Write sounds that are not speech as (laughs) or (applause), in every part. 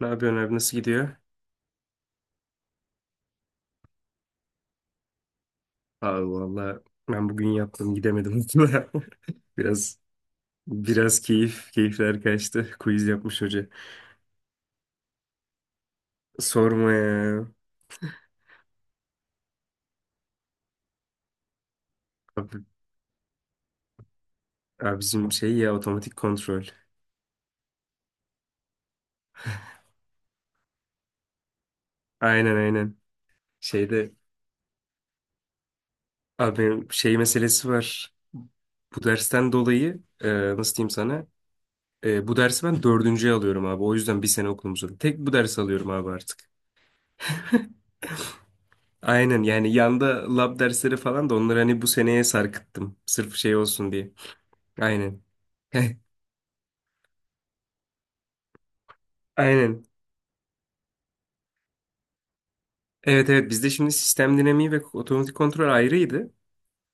Ne yapıyorsun abi nasıl gidiyor? Abi valla ben bugün yaptım gidemedim okula. (laughs) Biraz biraz keyifler kaçtı. Quiz yapmış hoca. Sorma ya. Abi, abi bizim şey ya otomatik kontrol. Aynen aynen. Şeyde abi benim şey meselesi var. Bu dersten dolayı nasıl diyeyim sana? Bu dersi ben dördüncüye alıyorum abi. O yüzden bir sene okulum uzadı. Tek bu dersi alıyorum abi artık. Aynen yani yanda lab dersleri falan da onları hani bu seneye sarkıttım. Sırf şey olsun diye. Aynen. (laughs) Aynen. Evet evet bizde şimdi sistem dinamiği ve otomatik kontrol ayrıydı.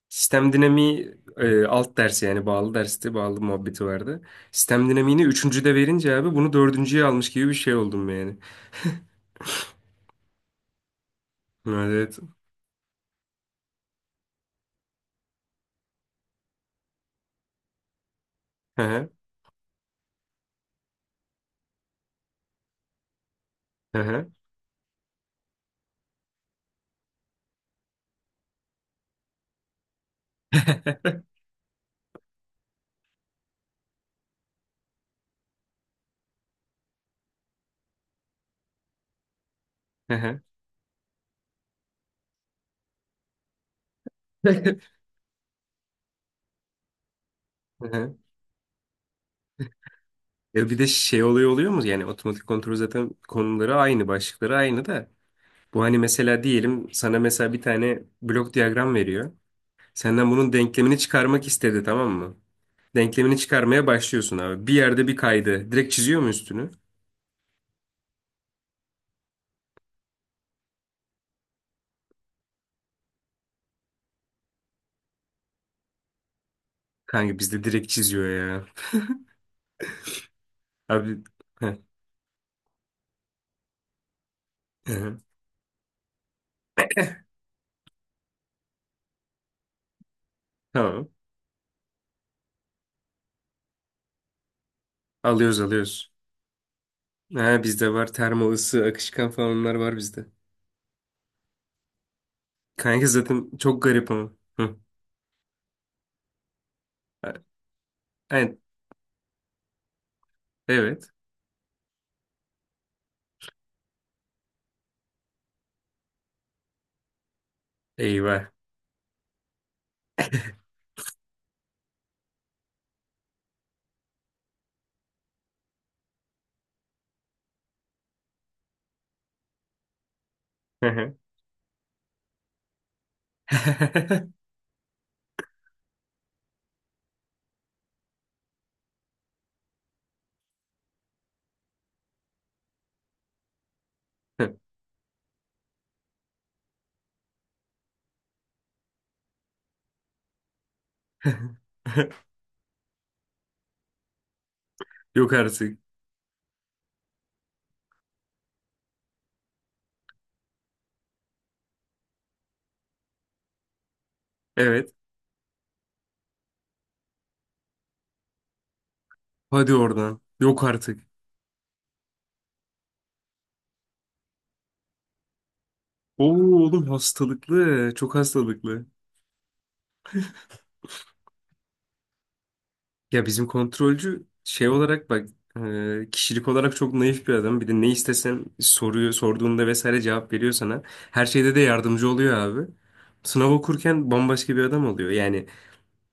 Sistem dinamiği alt dersi yani bağlı dersti, bağlı muhabbeti vardı. Sistem dinamiğini üçüncüde verince abi bunu dördüncüye almış gibi bir şey oldum yani. Evet. Hı hı. Hı hı. (laughs) Hı hı. Hı hı. Ya bir de şey oluyor mu? Yani otomatik kontrol zaten konuları aynı, başlıkları aynı da. Bu hani mesela diyelim sana mesela bir tane blok diyagram veriyor. Senden bunun denklemini çıkarmak istedi tamam mı? Denklemini çıkarmaya başlıyorsun abi. Bir yerde bir kaydı. Direkt çiziyor mu üstünü? Kanka bizde direkt çiziyor ya. Abi heh, heh, tamam. Alıyoruz alıyoruz. Ha, bizde var termo ısı, akışkan falan onlar var bizde. Kanka zaten çok garip ama. Hı. Evet. Evet. Eyvah. Hı hı. (laughs) Yok artık. Evet. Hadi oradan. Yok artık. Oo oğlum hastalıklı. Çok hastalıklı. Ya bizim kontrolcü şey olarak bak kişilik olarak çok naif bir adam. Bir de ne istesen soruyor, sorduğunda vesaire cevap veriyor sana. Her şeyde de yardımcı oluyor abi. Sınav okurken bambaşka bir adam oluyor. Yani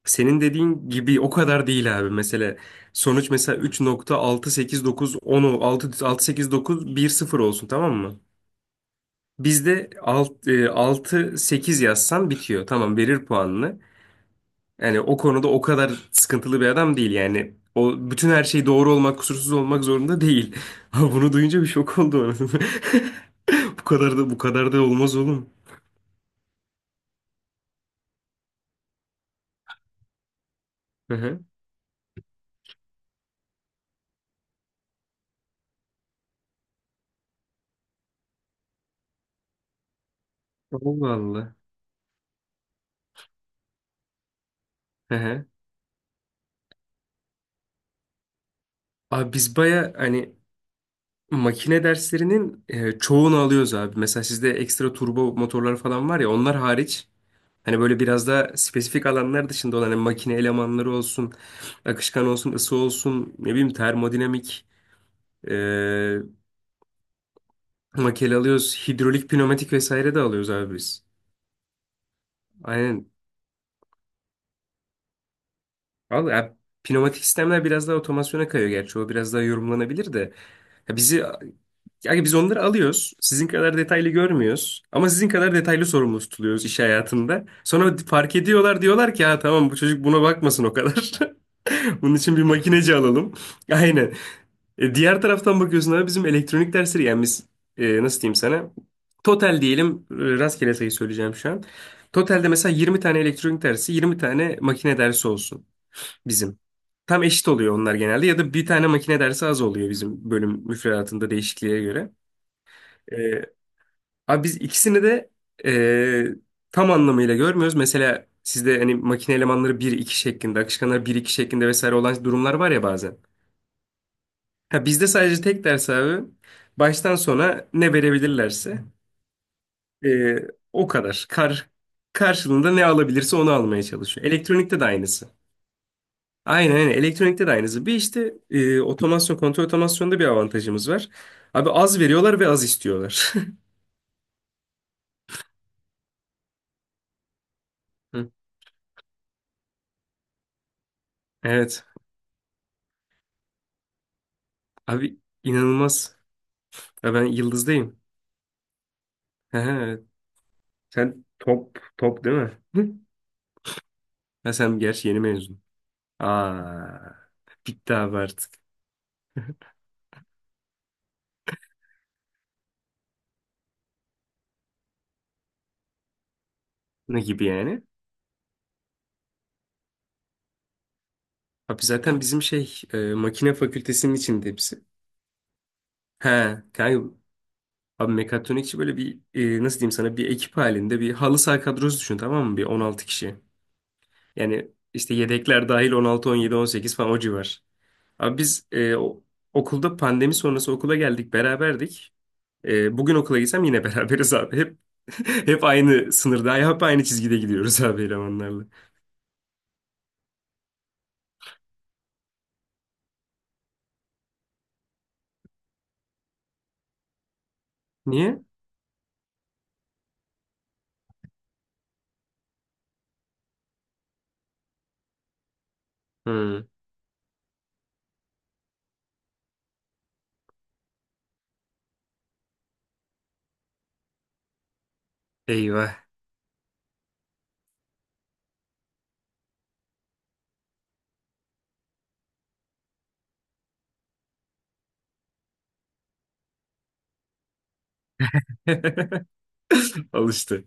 senin dediğin gibi o kadar değil abi. Mesela sonuç mesela 3.68910 6 68910 olsun tamam mı? Bizde 6, 6 8 yazsan bitiyor. Tamam verir puanını. Yani o konuda o kadar sıkıntılı bir adam değil yani. O bütün her şey doğru olmak, kusursuz olmak zorunda değil. (laughs) Ama bunu duyunca bir şok oldu anasını. (laughs) Bu kadar da bu kadar da olmaz oğlum. Hı hı. Allah Allah. Hı hı. Abi biz baya hani makine derslerinin çoğunu alıyoruz abi. Mesela sizde ekstra turbo motorlar falan var ya onlar hariç hani böyle biraz daha spesifik alanlar dışında olan hani makine elemanları olsun, akışkan olsun, ısı olsun, ne bileyim termodinamik e, Makele alıyoruz. Hidrolik, pnömatik vesaire de alıyoruz abi biz. Aynen. Al ya, pnömatik sistemler biraz daha otomasyona kayıyor gerçi. O biraz daha yorumlanabilir de. Ya yani biz onları alıyoruz. Sizin kadar detaylı görmüyoruz. Ama sizin kadar detaylı sorumlu tutuluyoruz iş hayatında. Sonra fark ediyorlar diyorlar ki ha tamam bu çocuk buna bakmasın o kadar. (laughs) Bunun için bir makineci alalım. (laughs) Aynen. Diğer taraftan bakıyorsun abi bizim elektronik dersleri yani biz nasıl diyeyim sana? Total diyelim rastgele sayı söyleyeceğim şu an. Totalde mesela 20 tane elektronik dersi 20 tane makine dersi olsun bizim. Tam eşit oluyor onlar genelde ya da bir tane makine dersi az oluyor bizim bölüm müfredatında değişikliğe göre. E, Abi biz ikisini de tam anlamıyla görmüyoruz. Mesela sizde hani makine elemanları bir iki şeklinde, akışkanlar bir iki şeklinde vesaire olan durumlar var ya bazen. Ha, bizde sadece tek ders abi. Baştan sona ne verebilirlerse e, o kadar. Karşılığında ne alabilirse onu almaya çalışıyor. Elektronikte de aynısı. Aynen aynen. Elektronikte de aynısı. Bir işte otomasyon, kontrol otomasyonda bir avantajımız var. Abi az veriyorlar ve az istiyorlar. (laughs) Hı. Evet. Abi inanılmaz. Ya ben Yıldız'dayım. Hı hı, evet. Sen top değil mi? Hı. Ha, sen gerçi yeni mezun. Aa, bitti abi artık. Ne gibi yani? Abi zaten bizim şey makine fakültesinin içinde hepsi. He kanka abi mekatronikçi böyle bir nasıl diyeyim sana bir ekip halinde bir halı saha kadrosu düşün tamam mı? Bir 16 kişi. Yani işte yedekler dahil 10 16 17 18 falan o civar. Abi biz okulda pandemi sonrası okula geldik beraberdik. Bugün okula gitsem yine (laughs) beraberiz abi. Hep (laughs) hep aynı sınırda hep aynı çizgide gidiyoruz abi elemanlarla. Niye? Hmm, eyvah. (laughs) Alıştı.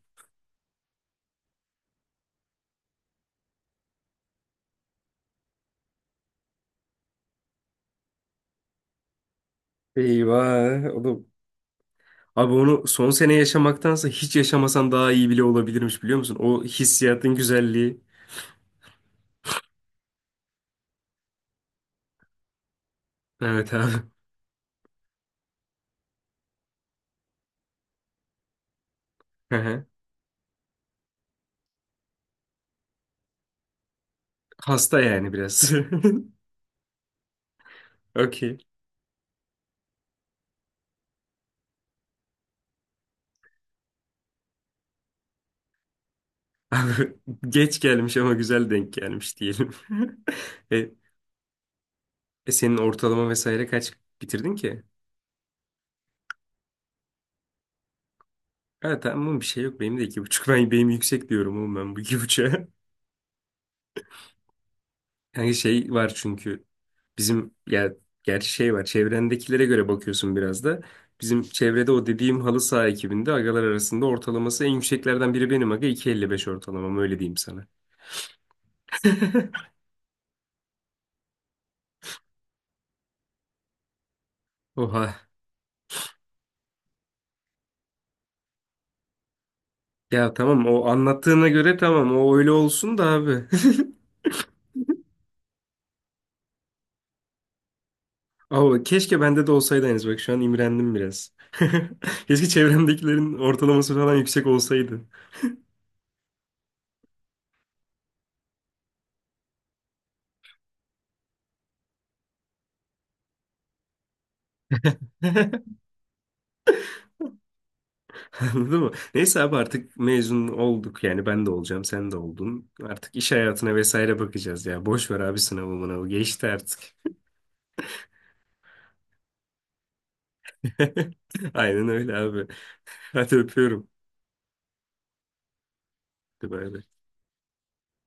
Eyvah oğlum. Abi onu son sene yaşamaktansa hiç yaşamasan daha iyi bile olabilirmiş biliyor musun? O hissiyatın güzelliği. Evet abi. Hı hı. Hasta yani biraz. (laughs) Okey. Abi geç gelmiş ama güzel denk gelmiş diyelim. (laughs) e, senin ortalama vesaire kaç bitirdin ki? Evet tamam bir şey yok. Benim de 2,5. Benim yüksek diyorum oğlum ben bu iki buçuğa. (laughs) Yani şey var çünkü. Bizim ya gerçi şey var çevrendekilere göre bakıyorsun biraz da. Bizim çevrede o dediğim halı saha ekibinde agalar arasında ortalaması en yükseklerden biri benim aga 2,55 ortalamam öyle diyeyim sana. (laughs) Oha. Ya tamam o anlattığına göre tamam o öyle olsun da abi. (laughs) Abi keşke bende de olsaydı henüz bak şu an imrendim biraz. (laughs) Keşke çevremdekilerin ortalaması falan yüksek olsaydı. (laughs) (laughs) Anladın mı? Neyse abi artık mezun olduk yani ben de olacağım sen de oldun. Artık iş hayatına vesaire bakacağız ya. Boş ver abi sınavı mınavı geçti artık. (laughs) Aynen öyle abi. Hadi öpüyorum. Hadi bay bay.